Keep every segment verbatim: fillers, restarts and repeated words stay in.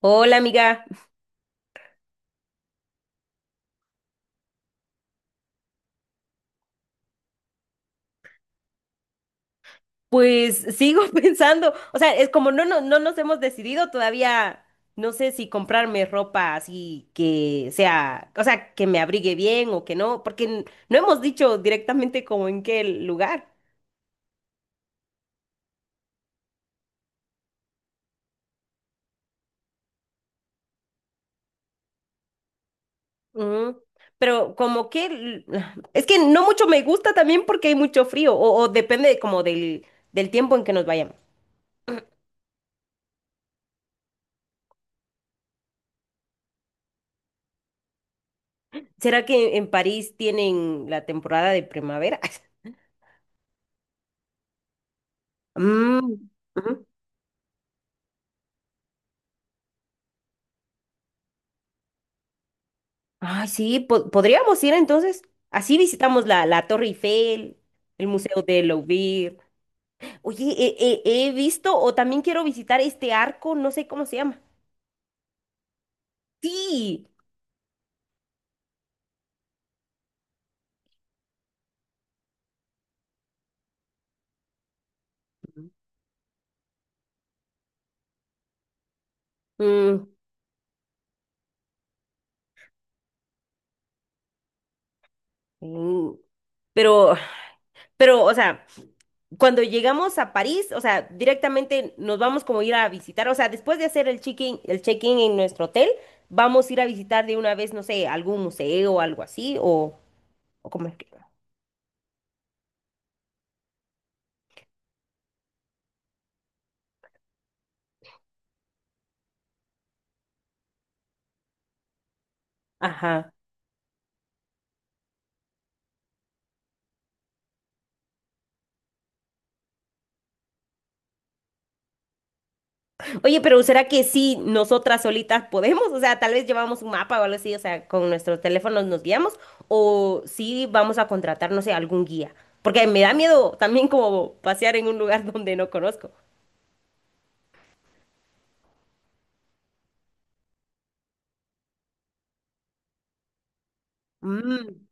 Hola amiga, pues sigo pensando, o sea, es como no, no, no nos hemos decidido todavía, no sé si comprarme ropa así que sea, o sea, que me abrigue bien o que no, porque n- no hemos dicho directamente como en qué lugar. Ujú. Pero como que, l- es que no mucho me gusta también porque hay mucho frío o, o depende de como del, del tiempo en que nos vayamos. ¿Será que en París tienen la temporada de primavera? Mm, ujú. Ay, sí, po- podríamos ir entonces. Así visitamos la, la Torre Eiffel, el Museo de Louvre. Oye, he, he- he visto o también quiero visitar este arco, no sé cómo se llama. Sí. Mm. Mm. Pero, pero, o sea, cuando llegamos a París, o sea, directamente nos vamos como a ir a visitar, o sea, después de hacer el check-in, el check-in en nuestro hotel, vamos a ir a visitar de una vez, no sé, algún museo o algo así, o, o como es que. Ajá. Oye, pero ¿será que sí nosotras solitas podemos? O sea, tal vez llevamos un mapa o algo así, o sea, con nuestros teléfonos nos guiamos, o sí vamos a contratar, no sé, algún guía. Porque me da miedo también como pasear en un lugar donde no conozco. Mm,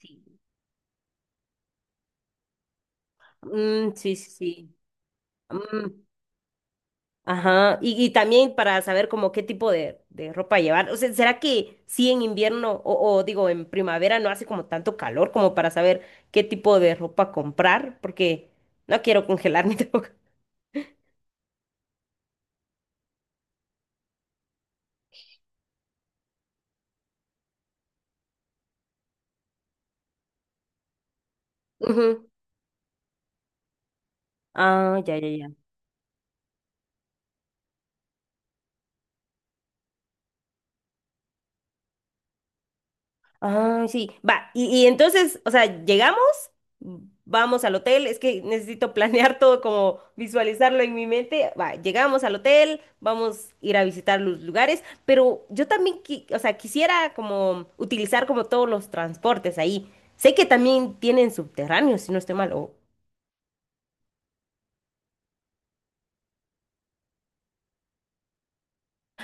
sí. Mm, sí, sí, sí. Mm, ajá. Y, y también para saber como qué tipo de, de ropa llevar. O sea, ¿será que sí en invierno o, o digo en primavera no hace como tanto calor como para saber qué tipo de ropa comprar? Porque no quiero congelar mi Ujú. Ah, ya, ya, ya. Ah, sí. Va, y, y entonces, o sea, llegamos, vamos al hotel, es que necesito planear todo como visualizarlo en mi mente. Va, llegamos al hotel, vamos a ir a visitar los lugares, pero yo también, qui- o sea, quisiera como utilizar como todos los transportes ahí. Sé que también tienen subterráneos, si no estoy mal. o-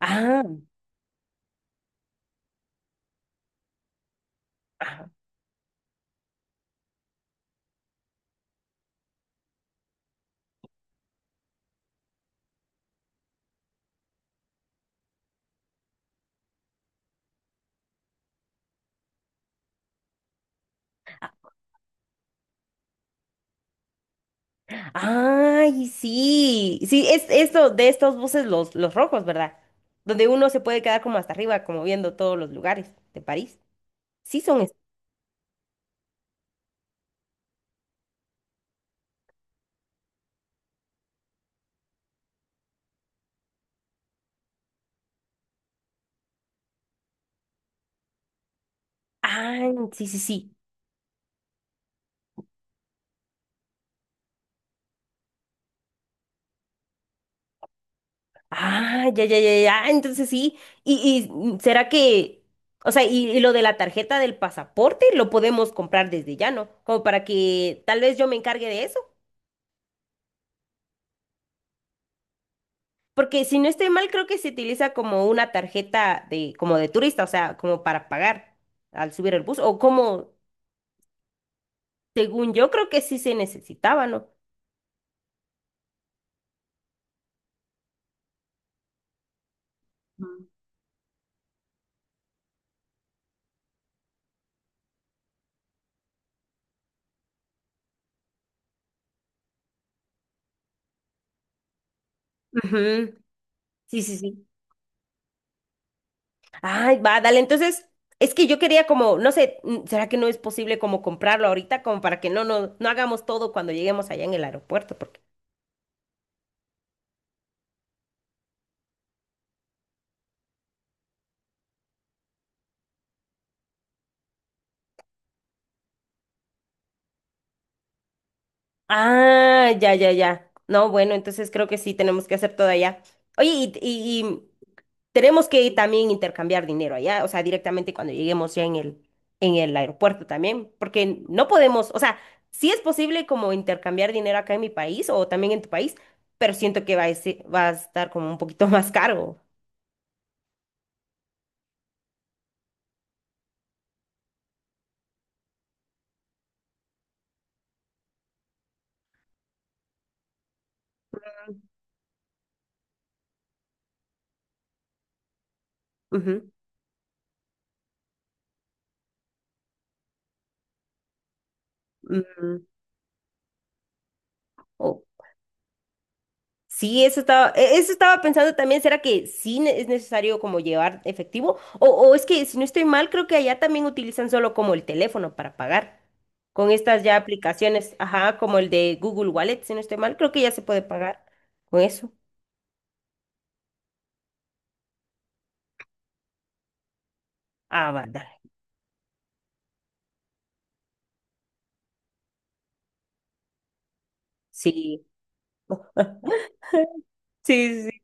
Ah. Ay, sí. Sí, es esto de estos buses los, los rojos, ¿verdad? Donde uno se puede quedar como hasta arriba, como viendo todos los lugares de París. Sí son estos. Ah, sí, sí, sí. Ah, ya, ya, ya, ya. Entonces sí. Y, y mm, ¿será que, o sea, y, y lo de la tarjeta del pasaporte lo podemos comprar desde ya, ¿no? Como para que tal vez yo me encargue de eso. Porque si no estoy mal, creo que se utiliza como una tarjeta de, como de turista, o sea, como para pagar al subir el bus. O como, según yo creo que sí se necesitaba, ¿no? Ujú. Sí, sí, sí. Ay, va, dale. Entonces, es que yo quería como, no sé, mm, ¿será que no es posible como comprarlo ahorita como para que no, no, no hagamos todo cuando lleguemos allá en el aeropuerto? Porque ah, ya, ya, ya. No, bueno, entonces creo que sí tenemos que hacer todo allá. Oye, y, y- y tenemos que también intercambiar dinero allá, o sea, directamente cuando lleguemos ya en el, en el aeropuerto también, porque no podemos, o sea, sí es posible como intercambiar dinero acá en mi país o también en tu país, pero siento que va a, ese- va a estar como un poquito más caro. Ujú, ujú. O- Sí, eso estaba, e- eso estaba pensando también, ¿será que sí ne- es necesario como llevar efectivo? O, o es que si no estoy mal, creo que allá también utilizan solo como el teléfono para pagar. Con estas ya aplicaciones, ajá, como el de Google Wallet, si no estoy mal, creo que ya se puede pagar con eso. Ah, va, dale. Sí. Sí, sí.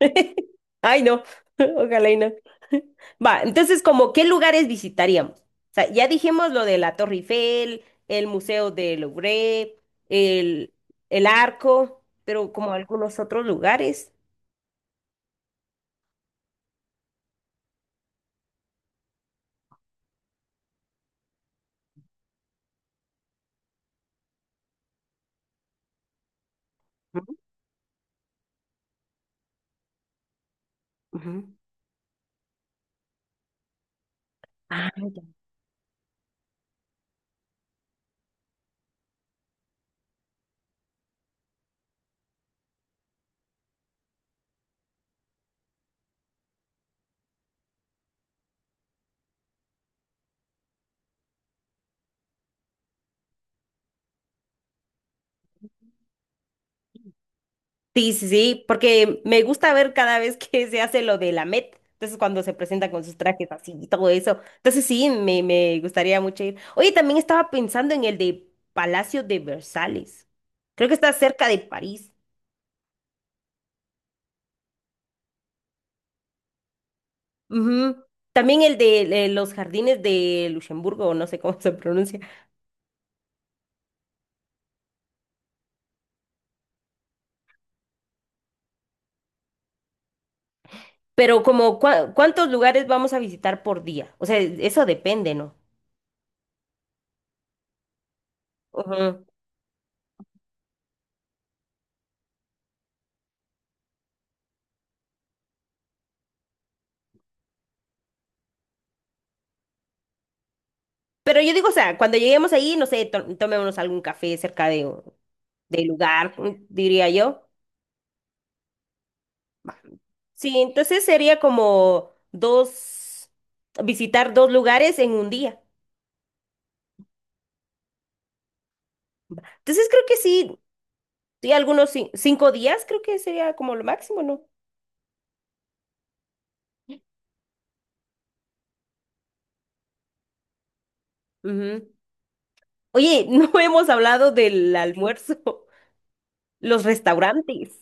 Ay, no, ojalá y no. Va, entonces, como, ¿qué lugares visitaríamos? O sea, ya dijimos lo de la Torre Eiffel, el Museo del Louvre, el, el Arco, pero como algunos otros lugares. Ujú, ujú. Ah, sí, sí, sí, porque me gusta ver cada vez que se hace lo de la Met, entonces cuando se presenta con sus trajes así y todo eso, entonces sí, me, me gustaría mucho ir. Oye, también estaba pensando en el de Palacio de Versalles, creo que está cerca de París. Ujú. También el de eh, los jardines de Luxemburgo, o no sé cómo se pronuncia, pero como cua- cuántos lugares vamos a visitar por día, o sea, eso depende, ¿no? Ujú. Pero yo digo, o sea, cuando lleguemos ahí, no sé, to- tomémonos algún café cerca de... del lugar, mm, diría yo. Sí, entonces sería como dos, visitar dos lugares en un día. Entonces creo que sí, sí, algunos cin- cinco días creo que sería como lo máximo, ¿no? Ujú. Oye, no hemos hablado del almuerzo, los restaurantes,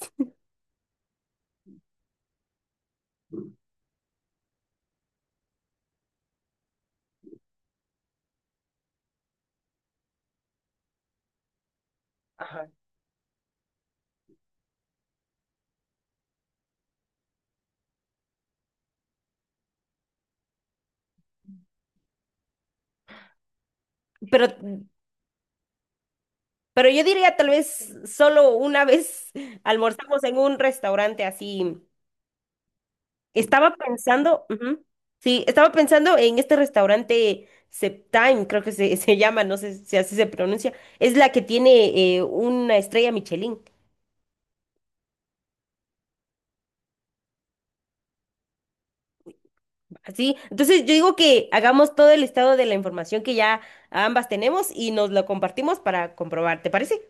pero, pero yo diría tal vez solo una vez almorzamos en un restaurante así. Estaba pensando, ujú. Sí, estaba pensando en este restaurante Septime, creo que se, se llama, no sé si así se pronuncia. Es la que tiene eh, una estrella Michelin, así. Entonces yo digo que hagamos todo el estado de la información que ya ambas tenemos y nos lo compartimos para comprobar, ¿te parece?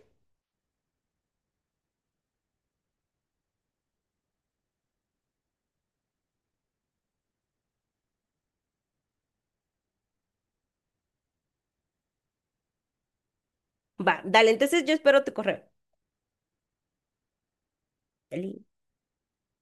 Va, dale, entonces yo espero tu correo. Dale.